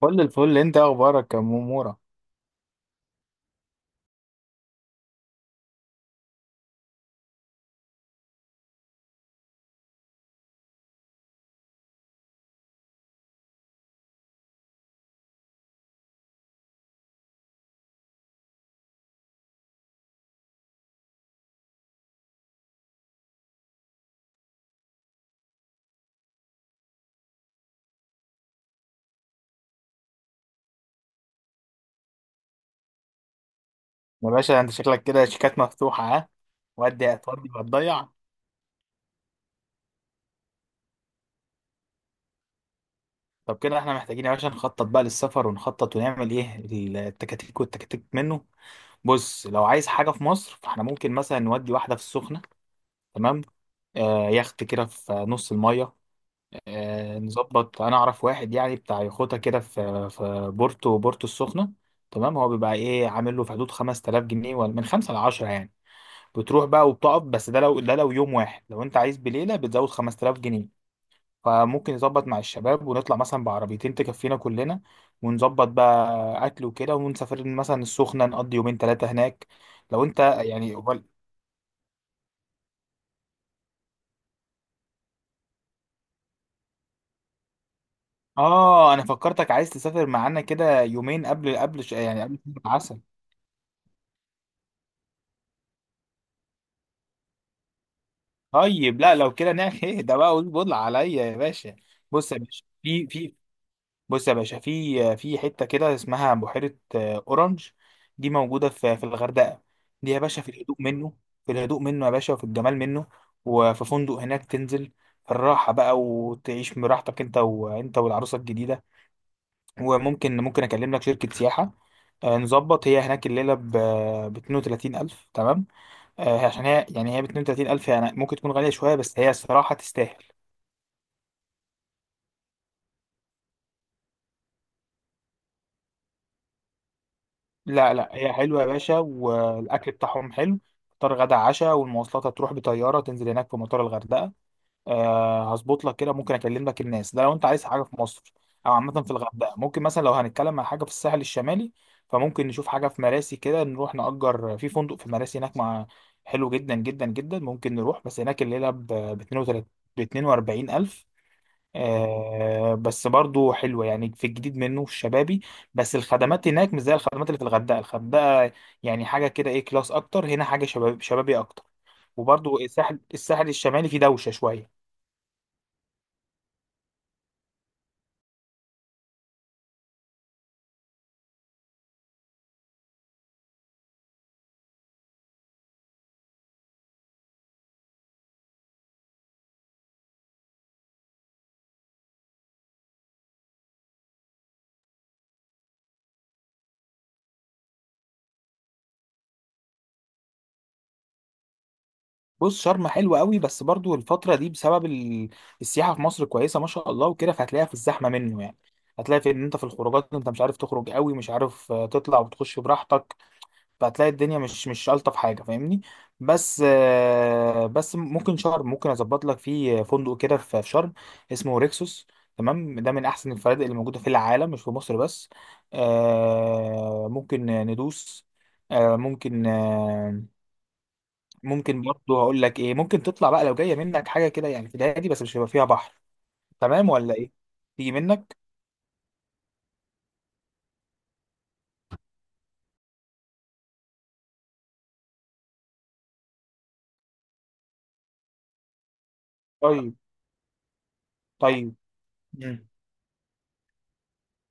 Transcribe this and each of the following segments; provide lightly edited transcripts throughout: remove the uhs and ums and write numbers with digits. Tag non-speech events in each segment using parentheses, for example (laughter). كل الفل، انت ايه اخبارك يا مورا؟ يا باشا انت شكلك كده شيكات مفتوحه، ها؟ ودي هتودي وهتضيع. طب كده احنا محتاجين يا باشا نخطط بقى للسفر، ونخطط ونعمل ايه التكاتيك والتكاتيك منه. بص، لو عايز حاجه في مصر فاحنا ممكن مثلا نودي واحده في السخنه. تمام. آه، يخت كده في نص الميه. آه، نظبط. انا اعرف واحد يعني بتاع يخوته كده في بورتو، بورتو السخنه. تمام. هو بيبقى ايه؟ عامل له في حدود 5000 جنيه، ولا من 5 ل 10 يعني. بتروح بقى وبتقف، بس ده لو ده لو يوم واحد. لو انت عايز بليله بتزود 5000 جنيه. فممكن نظبط مع الشباب ونطلع مثلا بعربيتين تكفينا كلنا، ونظبط بقى اكل وكده، ونسافر مثلا السخنه نقضي يومين ثلاثه هناك. لو انت يعني اه، انا فكرتك عايز تسافر معانا كده يومين قبل، قبل يعني قبل شهر العسل. طيب، لا، لو كده نعمل (laughs) ايه ده بقى؟ قول عليا يا باشا. بص يا باشا في في بص يا باشا في في حته كده اسمها بحيره، اورنج. دي موجوده في الغردقه. دي يا باشا في الهدوء منه، في الهدوء منه يا باشا، وفي الجمال منه. وفي فندق هناك تنزل في الراحه بقى وتعيش براحتك، انت والعروسه الجديده. وممكن اكلم لك شركه سياحه. نظبط. هي هناك الليله ب 32000. تمام. عشان هي يعني هي ب 32000، يعني ممكن تكون غاليه شويه، بس هي الصراحه تستاهل. لا لا، هي حلوة يا باشا، والأكل بتاعهم حلو. فطار غدا عشاء، والمواصلات هتروح بطيارة، تنزل هناك في مطار الغردقة. أه، هظبط لك كده. ممكن أكلم لك الناس ده لو أنت عايز حاجة في مصر، أو عامة في الغردقة. ممكن مثلا لو هنتكلم عن حاجة في الساحل الشمالي، فممكن نشوف حاجة في مراسي كده، نروح نأجر في فندق في مراسي هناك. مع، حلو جدا جدا جدا. ممكن نروح، بس هناك الليلة ب 42، ب 42 ألف. آه بس برضو حلوة، يعني في الجديد منه في الشبابي. بس الخدمات هناك مش زي الخدمات اللي في الغردقة، الغردقة يعني حاجة كده ايه، كلاس أكتر. هنا حاجة شباب، شبابي أكتر. وبرضو الساحل الشمالي فيه دوشة شوية. بص، شرم حلوة قوي، بس برضو الفترة دي بسبب السياحة في مصر كويسة ما شاء الله وكده، فهتلاقيها في الزحمة منه يعني. هتلاقي في ان انت في الخروجات انت مش عارف تخرج قوي، مش عارف تطلع وتخش براحتك. فهتلاقي الدنيا مش الطف حاجه، فاهمني؟ بس بس ممكن شرم، ممكن اظبط لك فيه فندق كده في شرم اسمه ريكسوس. تمام، ده من احسن الفنادق اللي موجوده في العالم، مش في مصر بس. ممكن ندوس. آه، ممكن آه، ممكن برضه. هقول لك ايه، ممكن تطلع بقى لو جايه منك حاجه كده يعني في الهادي، بس مش هيبقى فيها بحر. تمام ولا ايه؟ تيجي منك؟ طيب، طيب. مم.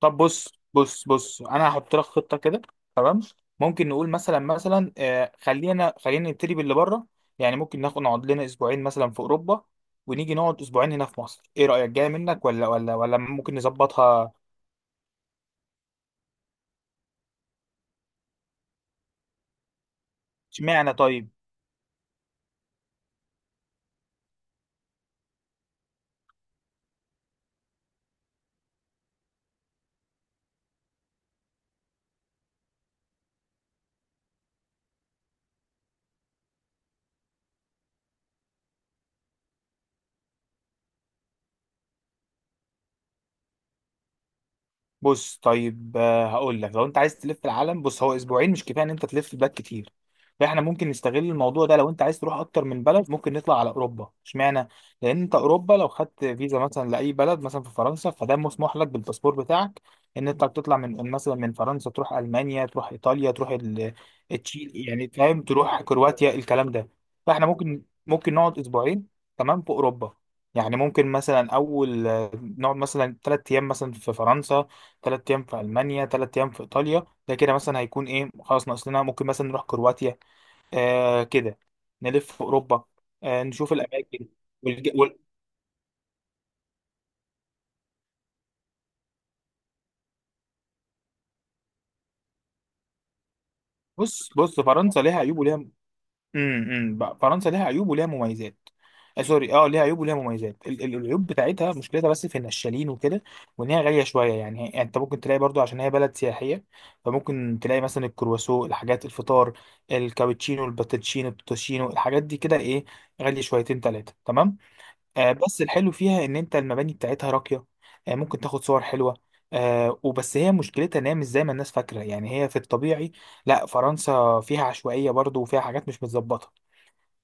طب بص انا هحط لك خطه كده. تمام. ممكن نقول مثلا، مثلا خلينا نبتدي باللي بره. يعني ممكن ناخد نقعد لنا اسبوعين مثلا في اوروبا، ونيجي نقعد اسبوعين هنا في مصر. ايه رايك؟ جايه منك؟ ولا ممكن نظبطها؟ اشمعنى؟ طيب. بص، طيب هقول لك، لو انت عايز تلف العالم، بص، هو اسبوعين مش كفايه ان انت تلف البلاد كتير. فاحنا ممكن نستغل الموضوع ده، لو انت عايز تروح اكتر من بلد ممكن نطلع على اوروبا. اشمعنى؟ لان انت اوروبا لو خدت فيزا مثلا لاي بلد مثلا في فرنسا، فده مسموح لك بالباسبور بتاعك ان انت تطلع من مثلا من فرنسا تروح المانيا، تروح ايطاليا، تروح التشيل يعني، فاهم؟ تروح كرواتيا، الكلام ده. فاحنا ممكن نقعد اسبوعين، تمام، في اوروبا. يعني ممكن مثلا اول نقعد مثلا ثلاث ايام مثلا في فرنسا، تلات أيام في ألمانيا، تلات أيام في إيطاليا. ده كده مثلا هيكون إيه، خلاص، ناقص لنا ممكن مثلا نروح كرواتيا. آه كده، نلف في أوروبا، آه نشوف الأماكن والج... وال... بص بص، فرنسا ليها عيوب وليها، امم، بقى فرنسا ليها عيوب وليها مميزات. آه سوري، اه ليها عيوب وليها مميزات. العيوب بتاعتها مشكلتها بس في النشالين وكده، وان هي غاليه شويه. يعني يعني انت ممكن تلاقي برضو عشان هي بلد سياحيه، فممكن تلاقي مثلا الكرواسو، الحاجات، الفطار، الكابتشينو، الباتشينو، التوتشينو، الحاجات دي كده ايه غاليه شويتين ثلاثه، تمام. آه، بس الحلو فيها ان انت المباني بتاعتها راقيه. آه، ممكن تاخد صور حلوه. آه، وبس هي مشكلتها ان هي مش زي ما الناس فاكره، يعني هي في الطبيعي لا، فرنسا فيها عشوائيه برضو، وفيها حاجات مش متظبطه.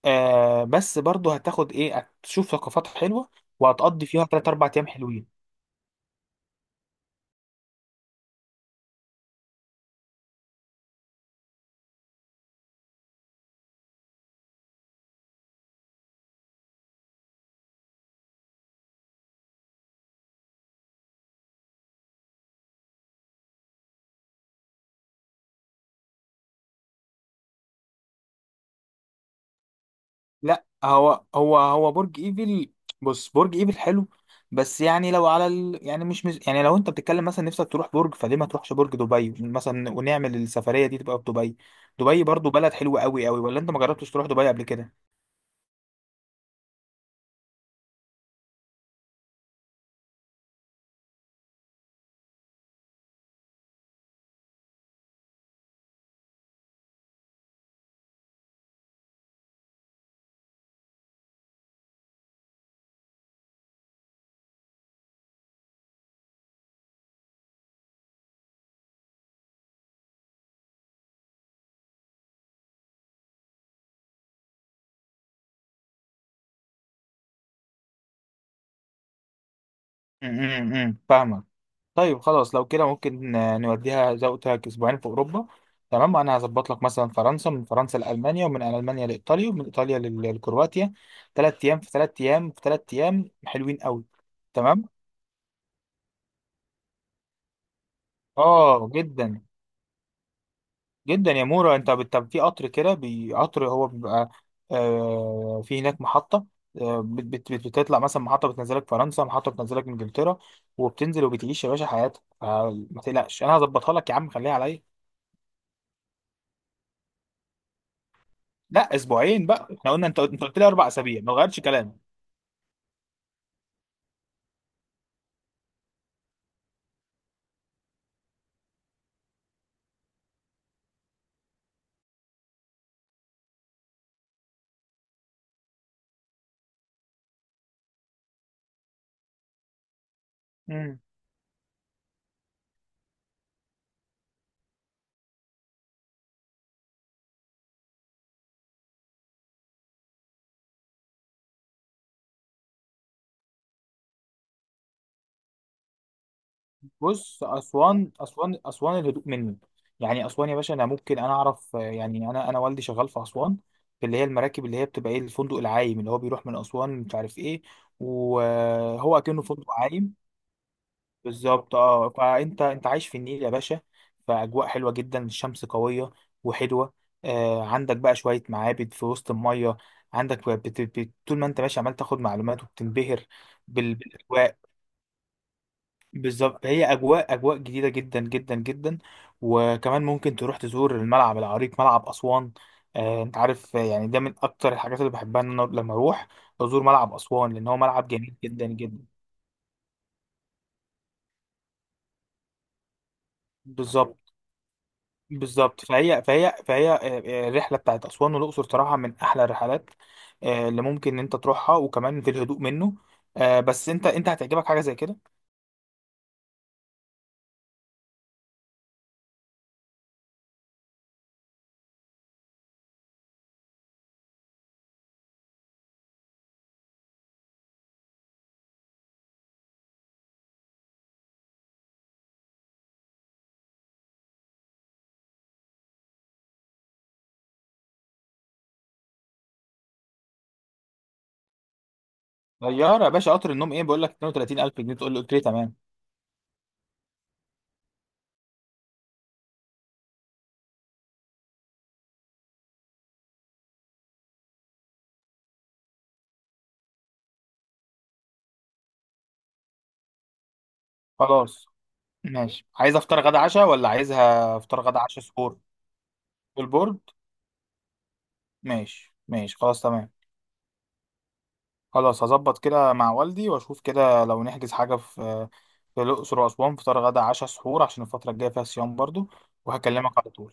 آه، بس برضه هتاخد ايه، هتشوف ثقافات حلوه، وهتقضي فيها 3 4 ايام حلوين. لا، هو برج ايفل، بص، برج ايفل حلو. بس يعني لو على يعني مش يعني لو انت بتتكلم مثلا نفسك تروح برج فليه، ما تروحش برج دبي مثلا ونعمل السفريه دي تبقى في دبي. دبي برضه بلد حلوه قوي قوي، ولا انت ما جربتش تروح دبي قبل كده؟ امم، فاهمك. طيب خلاص، لو كده ممكن نوديها زي ما قلت لك اسبوعين في اوروبا. تمام، انا هظبط لك مثلا فرنسا، من فرنسا لالمانيا، ومن المانيا لايطاليا، ومن ايطاليا لكرواتيا، ثلاث ايام في ثلاث ايام في ثلاث ايام حلوين قوي. تمام، اه، جدا. جدا يا مورا. انت في قطر كده، قطر هو بيبقى آه، في هناك محطه. آه، بتطلع مثلا محطه بتنزلك فرنسا، محطه بتنزلك انجلترا، وبتنزل وبتعيش يا باشا حياتك. فما تقلقش انا هظبطها لك يا عم، خليها عليا. لا، اسبوعين بقى، احنا قلنا، انت قلت لي اربع اسابيع، ما غيرتش كلامي. امم. بص، اسوان الهدوء مني. يعني اسوان يا باشا، انا ممكن انا اعرف يعني انا والدي شغال في اسوان في اللي هي المراكب، اللي هي بتبقى ايه، الفندق العايم اللي هو بيروح من اسوان مش عارف ايه، وهو كأنه فندق عايم. بالظبط. اه، فانت عايش في النيل يا باشا. فاجواء حلوه جدا، الشمس قويه وحلوه. آه، عندك بقى شويه معابد في وسط الميه، عندك طول ما انت ماشي عمال تاخد معلومات وبتنبهر بالاجواء. بالظبط، هي اجواء، اجواء جديده جدا جدا جدا. وكمان ممكن تروح تزور الملعب العريق، ملعب اسوان. آه، انت عارف يعني ده من اكتر الحاجات اللي بحبها ان انا لما اروح ازور ملعب اسوان، لان هو ملعب جميل جدا جدا. بالظبط. بالظبط، فهي الرحله بتاعت اسوان والاقصر صراحه من احلى الرحلات اللي ممكن ان انت تروحها، وكمان في الهدوء منه. بس انت هتعجبك حاجه زي كده. طياره يا باشا، قطر النوم ايه، بقول لك 32000 جنيه تقول لي قلت لي تمام. خلاص ماشي، عايز افطار غدا عشاء، ولا عايزها افطار غدا عشاء سحور؟ بالبورد، ماشي ماشي، خلاص، تمام. خلاص، هظبط كده مع والدي واشوف كده لو نحجز حاجه في في الاقصر واسوان، فطار غدا عشاء سحور، عشان الفتره الجايه فيها صيام برضو. وهكلمك على طول.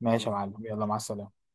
ماشي يا معلم، يلا مع السلامة.